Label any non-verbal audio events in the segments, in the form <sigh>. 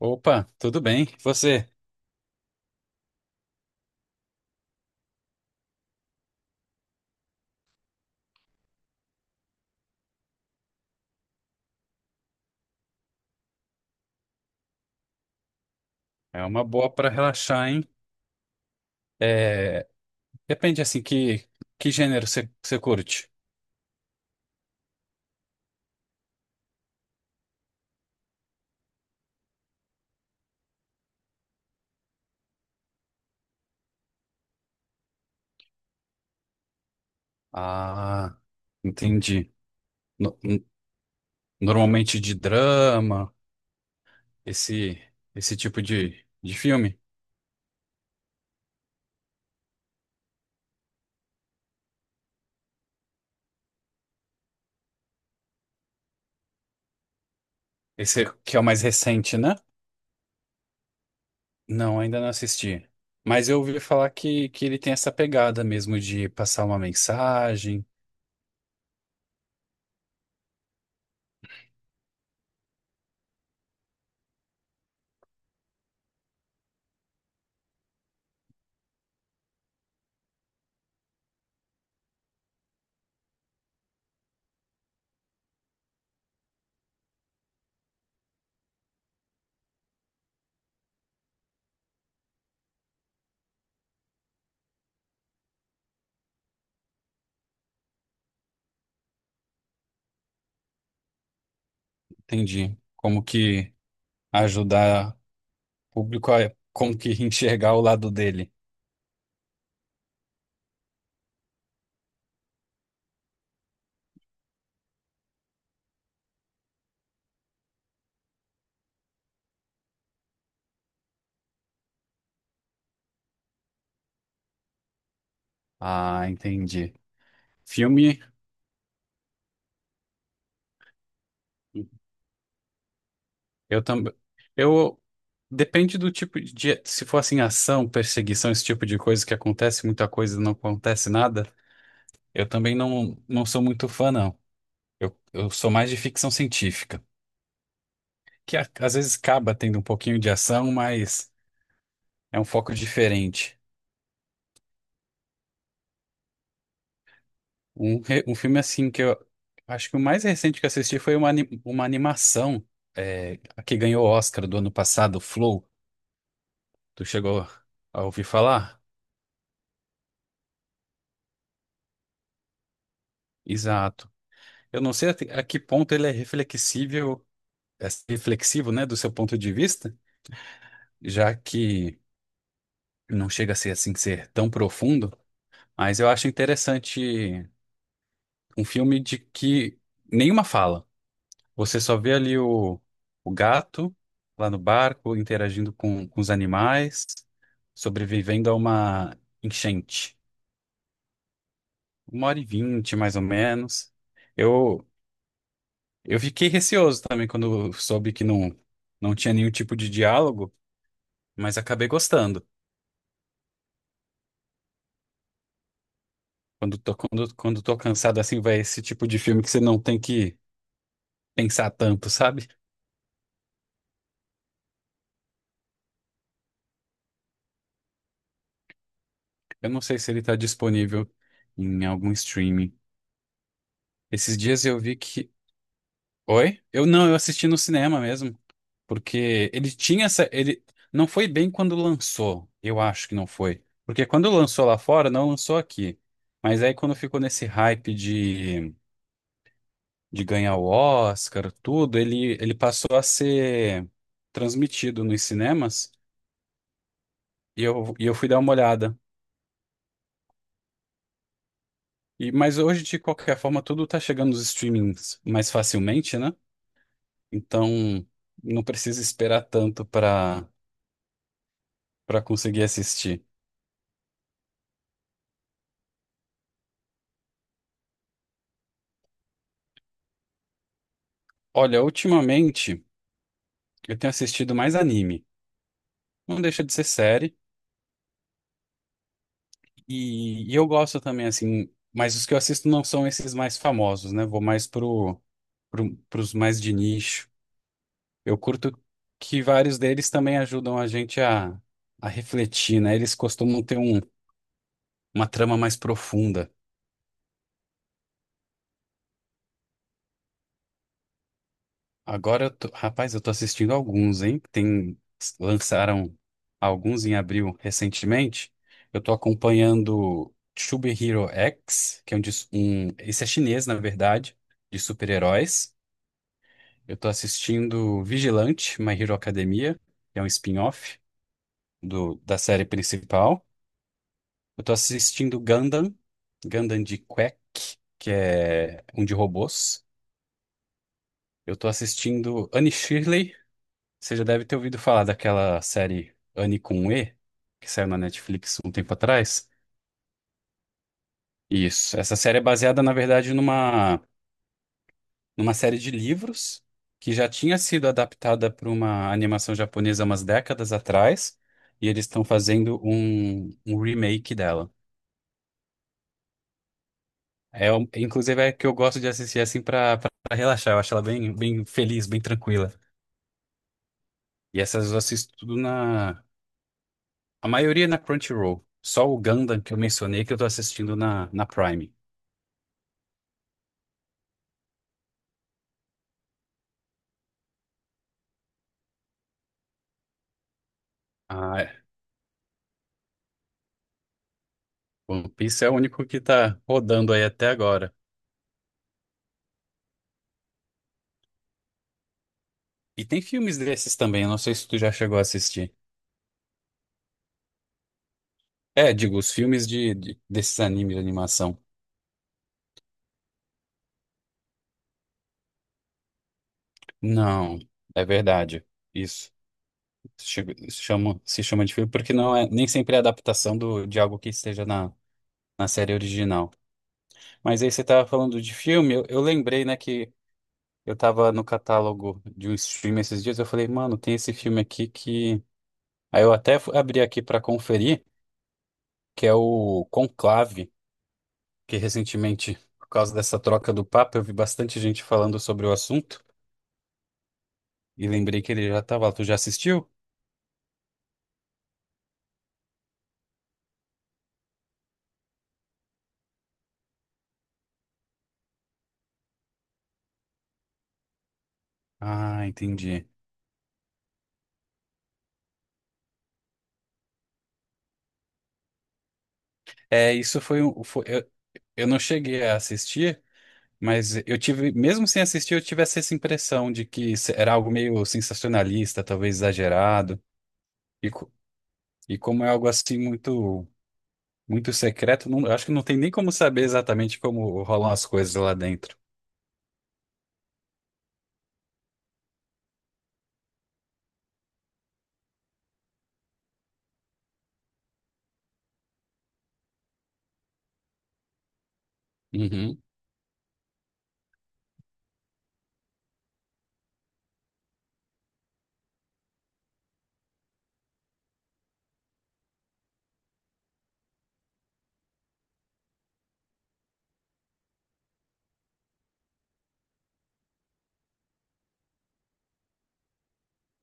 Opa, tudo bem? E você? É uma boa para relaxar, hein? É, depende assim que gênero você curte. Ah, entendi. No- n- Normalmente de drama, esse esse tipo de filme. Esse que é o mais recente, né? Não, ainda não assisti. Mas eu ouvi falar que ele tem essa pegada mesmo de passar uma mensagem. Entendi. Como que ajudar o público a como que <laughs> enxergar o lado dele. Ah, entendi. Filme, eu também. Eu. Depende do tipo de. Se for assim, ação, perseguição, esse tipo de coisa que acontece muita coisa e não acontece nada, eu também não sou muito fã, não. Eu sou mais de ficção científica, que às vezes acaba tendo um pouquinho de ação, mas é um foco diferente. Um filme assim que eu. Acho que o mais recente que eu assisti foi uma animação é, que ganhou o Oscar do ano passado, Flow. Tu chegou a ouvir falar? Exato. Eu não sei a que ponto ele é reflexível, é reflexivo, né, do seu ponto de vista, já que não chega a ser assim ser tão profundo, mas eu acho interessante um filme de que nenhuma fala. Você só vê ali o gato lá no barco interagindo com os animais, sobrevivendo a uma enchente. 1h20, mais ou menos. Eu Eu fiquei receoso também quando soube que não tinha nenhum tipo de diálogo, mas acabei gostando. Quando tô cansado assim, vai esse tipo de filme que você não tem que pensar tanto, sabe? Eu não sei se ele tá disponível em algum streaming. Esses dias eu vi que. Oi? Eu assisti no cinema mesmo. Porque ele tinha essa. Ele não foi bem quando lançou. Eu acho que não foi. Porque quando lançou lá fora, não lançou aqui. Mas aí quando ficou nesse hype de ganhar o Oscar, tudo, ele passou a ser transmitido nos cinemas e eu fui dar uma olhada. E, mas hoje, de qualquer forma, tudo tá chegando nos streamings mais facilmente, né? Então não precisa esperar tanto para conseguir assistir. Olha, ultimamente eu tenho assistido mais anime. Não deixa de ser série. E eu gosto também, assim, mas os que eu assisto não são esses mais famosos, né? Vou mais pros mais de nicho. Eu curto que vários deles também ajudam a gente a refletir, né? Eles costumam ter uma trama mais profunda. Agora, eu rapaz, eu tô assistindo alguns, hein? Lançaram alguns em abril recentemente. Eu tô acompanhando Tube Hero X, que é esse é chinês, na verdade, de super-heróis. Eu tô assistindo Vigilante, My Hero Academia, que é um spin-off da série principal. Eu tô assistindo Gundam, Gundam de Quack, que é um de robôs. Eu tô assistindo Anne Shirley. Você já deve ter ouvido falar daquela série Anne com E, que saiu na Netflix um tempo atrás. Isso. Essa série é baseada, na verdade, numa série de livros que já tinha sido adaptada para uma animação japonesa umas décadas atrás, e eles estão fazendo um remake dela. É, inclusive é que eu gosto de assistir assim pra relaxar. Eu acho ela bem, bem feliz, bem tranquila. E essas eu assisto tudo na. A maioria na Crunchyroll. Só o Gundam que eu mencionei que eu tô assistindo na Prime. Ah, é. One Piece é o único que tá rodando aí até agora. E tem filmes desses também, eu não sei se tu já chegou a assistir. É, digo, os filmes desses animes de animação. Não, é verdade. Isso. Se chama de filme porque não é nem sempre é adaptação de algo que esteja na série original. Mas aí você tava falando de filme, eu lembrei, né, que eu tava no catálogo de um stream esses dias, eu falei, mano, tem esse filme aqui que... Aí eu até abri aqui pra conferir, que é o Conclave, que recentemente, por causa dessa troca do Papa, eu vi bastante gente falando sobre o assunto e lembrei que ele já tava lá. Tu já assistiu? Ah, entendi. É, isso foi um... Eu não cheguei a assistir. Mas eu tive, mesmo sem assistir, eu tive essa impressão de que era algo meio sensacionalista, talvez exagerado. E, co- e como é algo assim muito, muito secreto, eu acho que não tem nem como saber exatamente como rolam as coisas lá dentro. Uhum,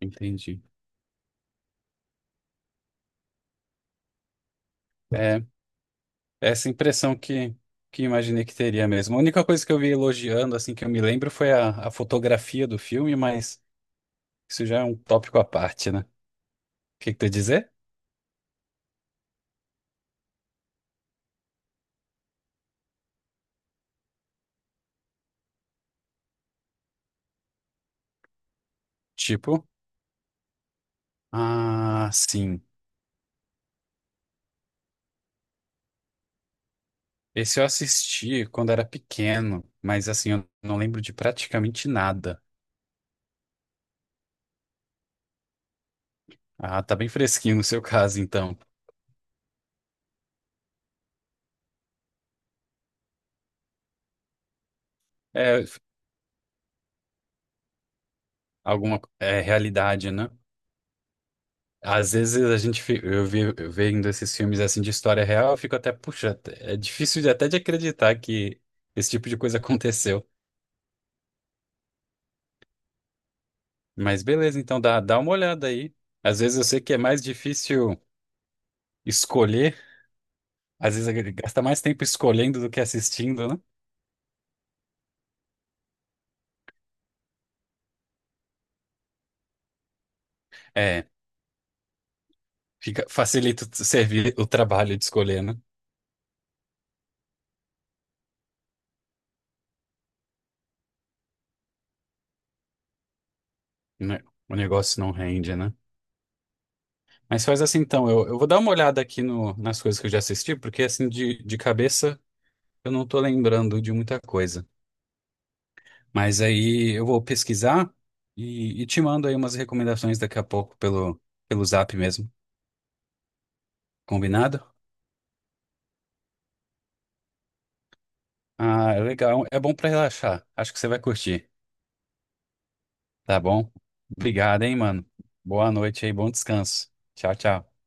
entendi. É, é essa impressão que imaginei que teria mesmo. A única coisa que eu vi elogiando, assim, que eu me lembro foi a fotografia do filme, mas isso já é um tópico à parte, né? O que que tu ia dizer? Tipo, ah, sim. Esse eu assisti quando era pequeno, mas assim, eu não lembro de praticamente nada. Ah, tá bem fresquinho no seu <laughs> caso, então. É alguma é, realidade, né? Às vezes a gente, eu vendo esses filmes assim de história real, eu fico até, puxa, é difícil até de acreditar que esse tipo de coisa <laughs> aconteceu. Mas beleza, então dá uma olhada aí. Às vezes eu sei que é mais difícil escolher, às vezes a gente gasta mais tempo escolhendo do que assistindo, né? É. Facilita o servir o trabalho de escolher, né? Né? O negócio não rende, né? Mas faz assim então, eu vou dar uma olhada aqui no, nas coisas que eu já assisti, porque assim de cabeça eu não tô lembrando de muita coisa. Mas aí eu vou pesquisar e te mando aí umas recomendações daqui a pouco pelo Zap mesmo. Combinado? Ah, é legal. É bom pra relaxar. Acho que você vai curtir. Tá bom? Obrigado, hein, mano. Boa noite aí, bom descanso. Tchau, tchau.